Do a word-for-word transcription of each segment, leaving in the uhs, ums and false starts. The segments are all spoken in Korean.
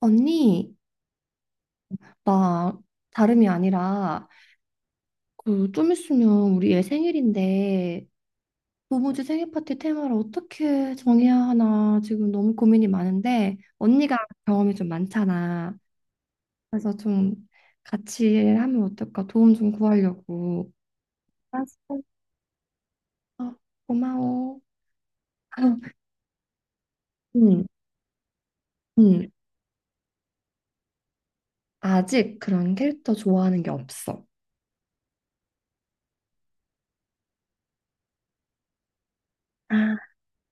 언니, 나 다름이 아니라 그 좀 있으면 우리 애 생일인데 도무지 생일 파티 테마를 어떻게 정해야 하나 지금 너무 고민이 많은데 언니가 경험이 좀 많잖아. 그래서 좀 같이 하면 어떨까 도움 좀 구하려고. 알았어. 어, 고마워. 응, 응. 아직 그런 캐릭터 좋아하는 게 없어. 아,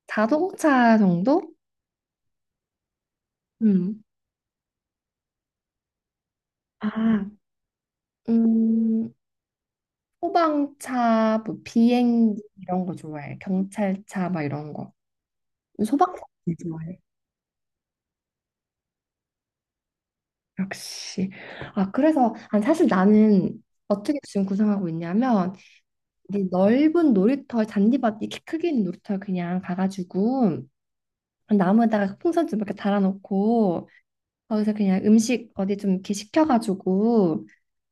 자동차 정도? 응. 아, 음, 소방차, 뭐 비행기 이런 거 좋아해. 경찰차 막 이런 거. 소방차 제일 좋아해. 역시. 아, 그래서 아, 사실 나는 어떻게 지금 구성하고 있냐면 이 넓은 놀이터 잔디밭 이렇게 크게 있는 놀이터 그냥 가가지고 나무에다가 풍선 좀 이렇게 달아놓고 거기서 그냥 음식 어디 좀 이렇게 시켜가지고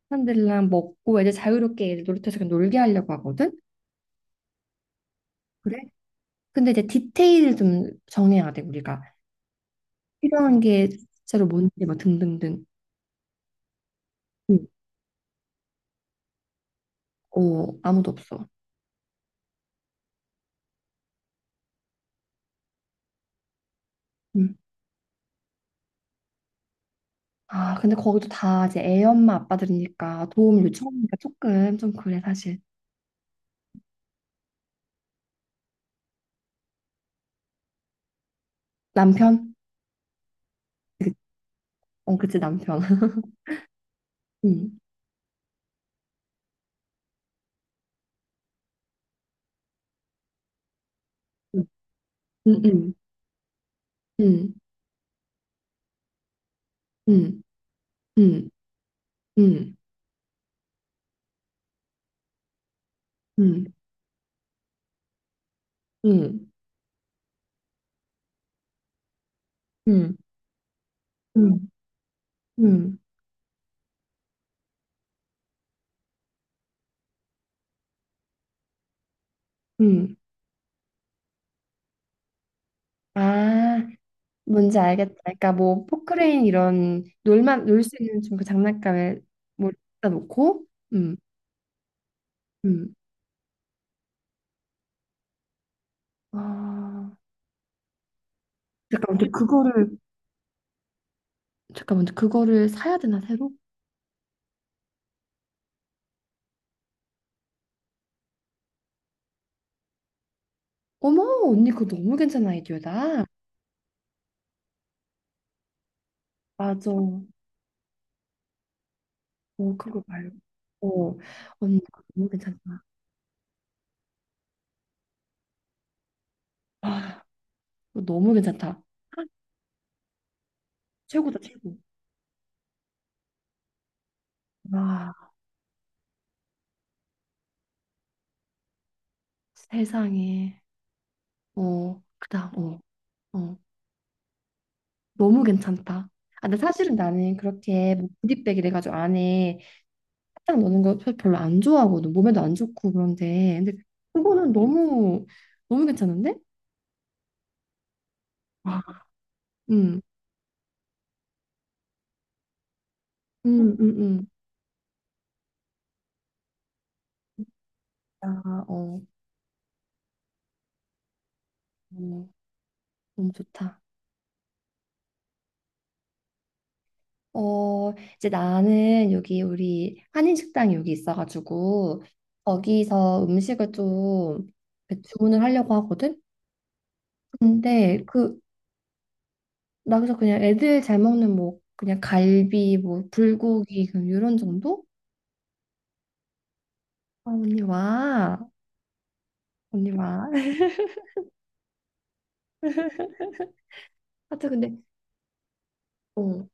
사람들이랑 먹고 애들 자유롭게 애들 놀이터에서 그냥 놀게 하려고 하거든. 그래? 근데 이제 디테일을 좀 정해야 돼 우리가. 필요한 게 실제로 뭔지 막 등등등. 응. 어, 아무도 없어. 응. 아, 근데 거기도 다 이제 애 엄마 아빠들이니까 도움을 요청하니까 조금 좀 그래 사실. 남편? 어, 그치 남편. 응. 응. 응. 응. 응. 응. 응. 응. 응. 응. 응. 응. 응. 응. 아, 뭔지 알겠다. 그러니까 뭐 포크레인 이런 놀만 놀 수 있는 좀 그 장난감을 뭐 놓고 음. 음. 아. 잠깐만, 근데 그거를 잠깐만, 근데 그거를 사야 되나 새로? 어머, 언니 그거 너무 괜찮은 아이디어다. 맞아. 어, 그거 말고. 어, 언니 그거 너무 괜찮다. 아, 그거 너무 괜찮다. 최고다, 최고. 와, 세상에. 어, 그다. 어, 어, 너무 괜찮다. 아, 근데 사실은 나는 그렇게 뭐 구디백 이래가지고 안에 사탕 넣는 거 별로 안 좋아하거든. 몸에도 안 좋고 그런데. 근데 그거는 너무 너무 괜찮은데? 와. 응응응응 아, 어, 어, 너무 좋다. 어, 이제 나는 여기 우리 한인식당 여기 있어가지고 거기서 음식을 좀그 주문을 하려고 하거든. 근데 그 나 그래서 그냥 애들 잘 먹는 뭐 그냥 갈비 뭐 불고기 그냥 이런 정도? 아, 언니 와, 언니 와. 하여튼 근데 어,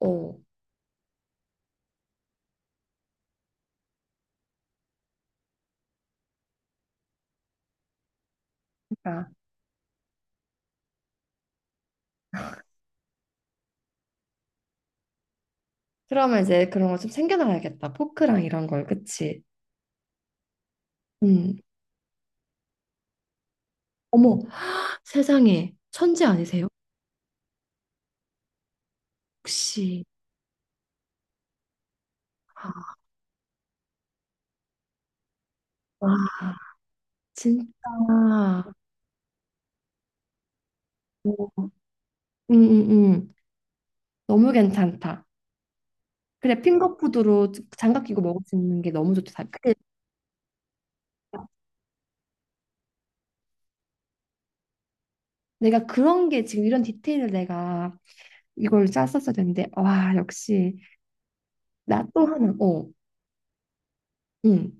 어, 그러니까 그러면 이제 그런 거 좀 챙겨놔야겠다. 포크랑 이런 걸, 그치? 음. 어머, 세상에 천재 아니세요? 혹시 아, 와 진짜 오, 음, 음, 음. 너무 괜찮다. 그래 핑거푸드로 장갑 끼고 먹을 수 있는 게 너무 좋다. 근데 내가 그런 게 지금 이런 디테일을 내가 이걸 짰었어야 되는데 와 역시 나 또 하나 어, 응.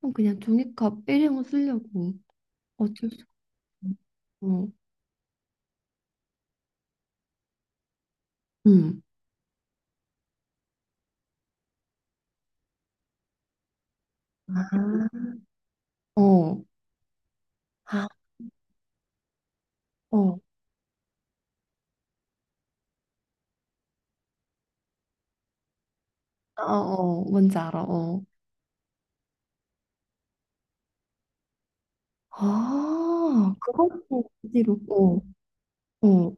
그럼 그냥 종이컵 일회용 쓰려고 어쩔 수 없어. 어, 응. 아, 어, 아, 어, 아, 어, 뭔지 알아. 어, 아, 그것도 어디로? 어, 어.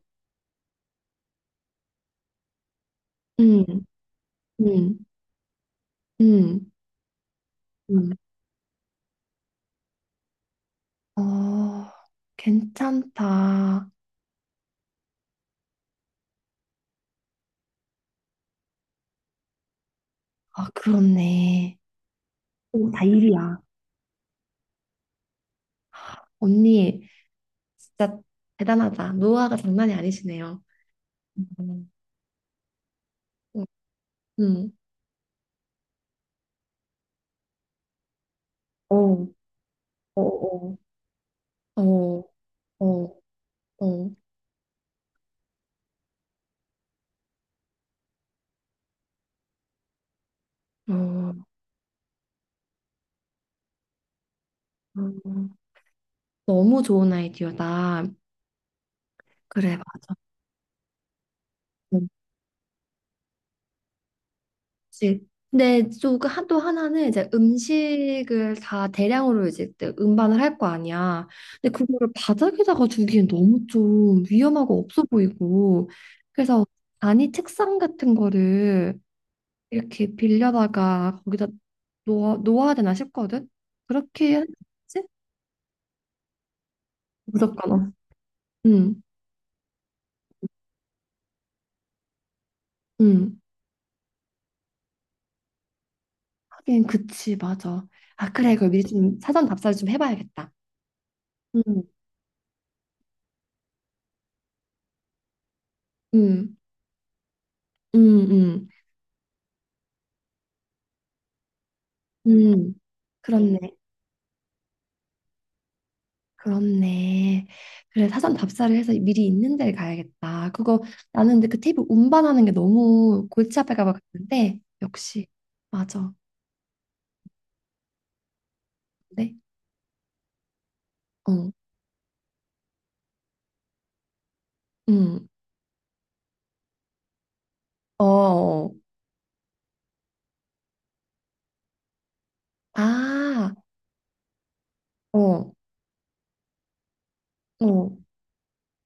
음, 음, 음, 음. 어, 괜찮다. 아, 그렇네. 오, 다 일이야. 언니, 진짜 대단하다. 노하가 장난이 아니시네요. 음, 음, 음. 어, 어, 어. 어, 어, 어, 어. 어. 너무 좋은 아이디어다. 그래, 맞아. 그치. 근데 또또 하나는 이제 음식을 다 대량으로 이제 또 음반을 할 거 아니야. 근데 그거를 바닥에다가 두기엔 너무 좀 위험하고 없어 보이고. 그래서 아니 책상 같은 거를 이렇게 빌려다가 거기다 놓아, 놓아야 되나 싶거든. 그렇게 하지? 무섭거나. 응, 응. 하긴 그치, 맞아. 아 그래, 그걸 미리 좀 사전 답사를 좀 해봐야겠다. 응, 응, 응, 응, 응. 그렇네. 그렇네. 그래, 사전 답사를 해서 미리 있는 데를 가야겠다. 그거 나는 근데 그 테이프 운반하는 게 너무 골치 아플까 봐 그랬는데 역시 맞아. 네. 어. 음. 어. 어. 아. 어. 어.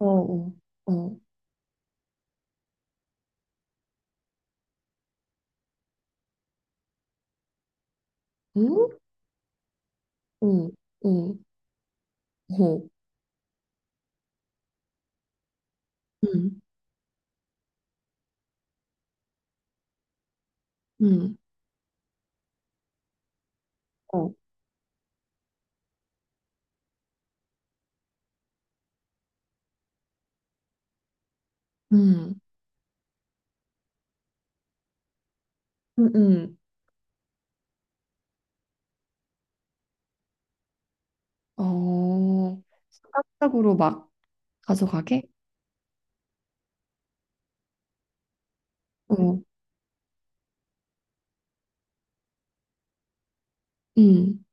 어. 어. 어. 음? 어. 어. 어. 음. 음. 어. 음. 음. 음. 어. 순간적으로 막 가져가게? 어. 음.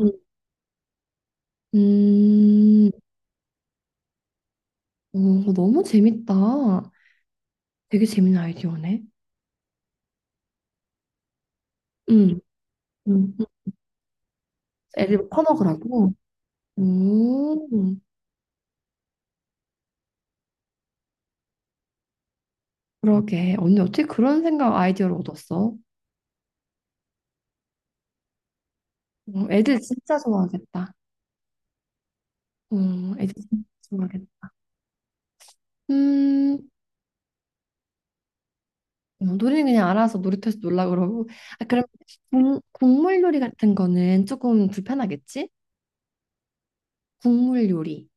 음. 음. 오, 너무 재밌다. 되게 재밌는 아이디어네. 응, 응. 애들 퍼먹으라고. 오, 그러게. 언니 어떻게 그런 생각 아이디어를 얻었어? 어, 애들 진짜 좋아하겠다. 어, 애들 진짜 좋아하겠다. 음, 어, 놀이는 그냥 알아서 놀이터에서 놀라 그러고. 아, 그럼 국- 국물 요리 같은 거는 조금 불편하겠지? 국물 요리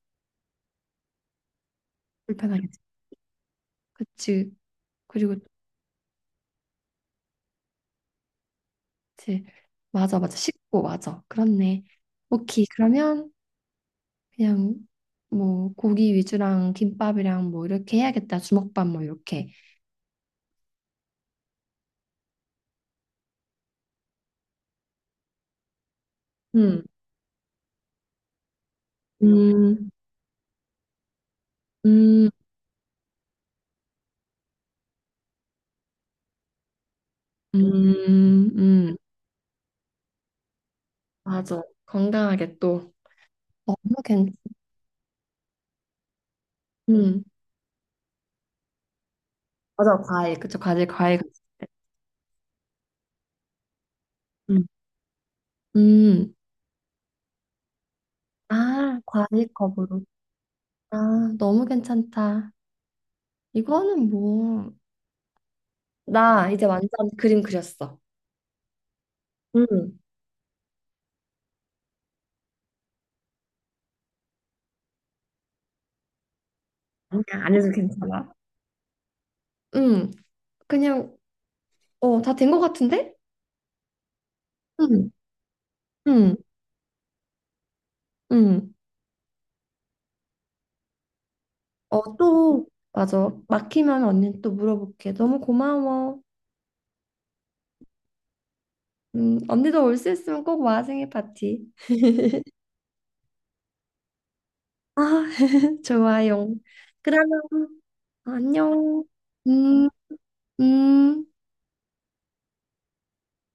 불편하겠지? 그치. 그리고 그치. 맞아, 맞아. 식고 맞아. 그렇네. 오케이. 그러면 그냥 뭐 고기 위주랑 김밥이랑 뭐 이렇게 해야겠다. 주먹밥 뭐 이렇게. 음, 음, 음, 음, 음. 맞아. 건강하게 또. 너무 괜찮. 음, 맞아, 과일. 그쵸, 과일, 과일. 음. 음. 아, 과일컵으로. 아, 너무 괜찮다. 이거는 뭐, 음. 나 이제 완전 그림 그렸어. 음. 아니야, 안 해도 괜찮아. 음, 그냥, 어, 다 된 것 같은데? 음. 음, 음. 어, 또, 맞아. 막히면 언니는 또 물어볼게. 너무 고마워. 음, 언니도 올 수 있으면 꼭 와, 생일 파티. 아, 좋아요. 그러면, 안녕. 음, 음.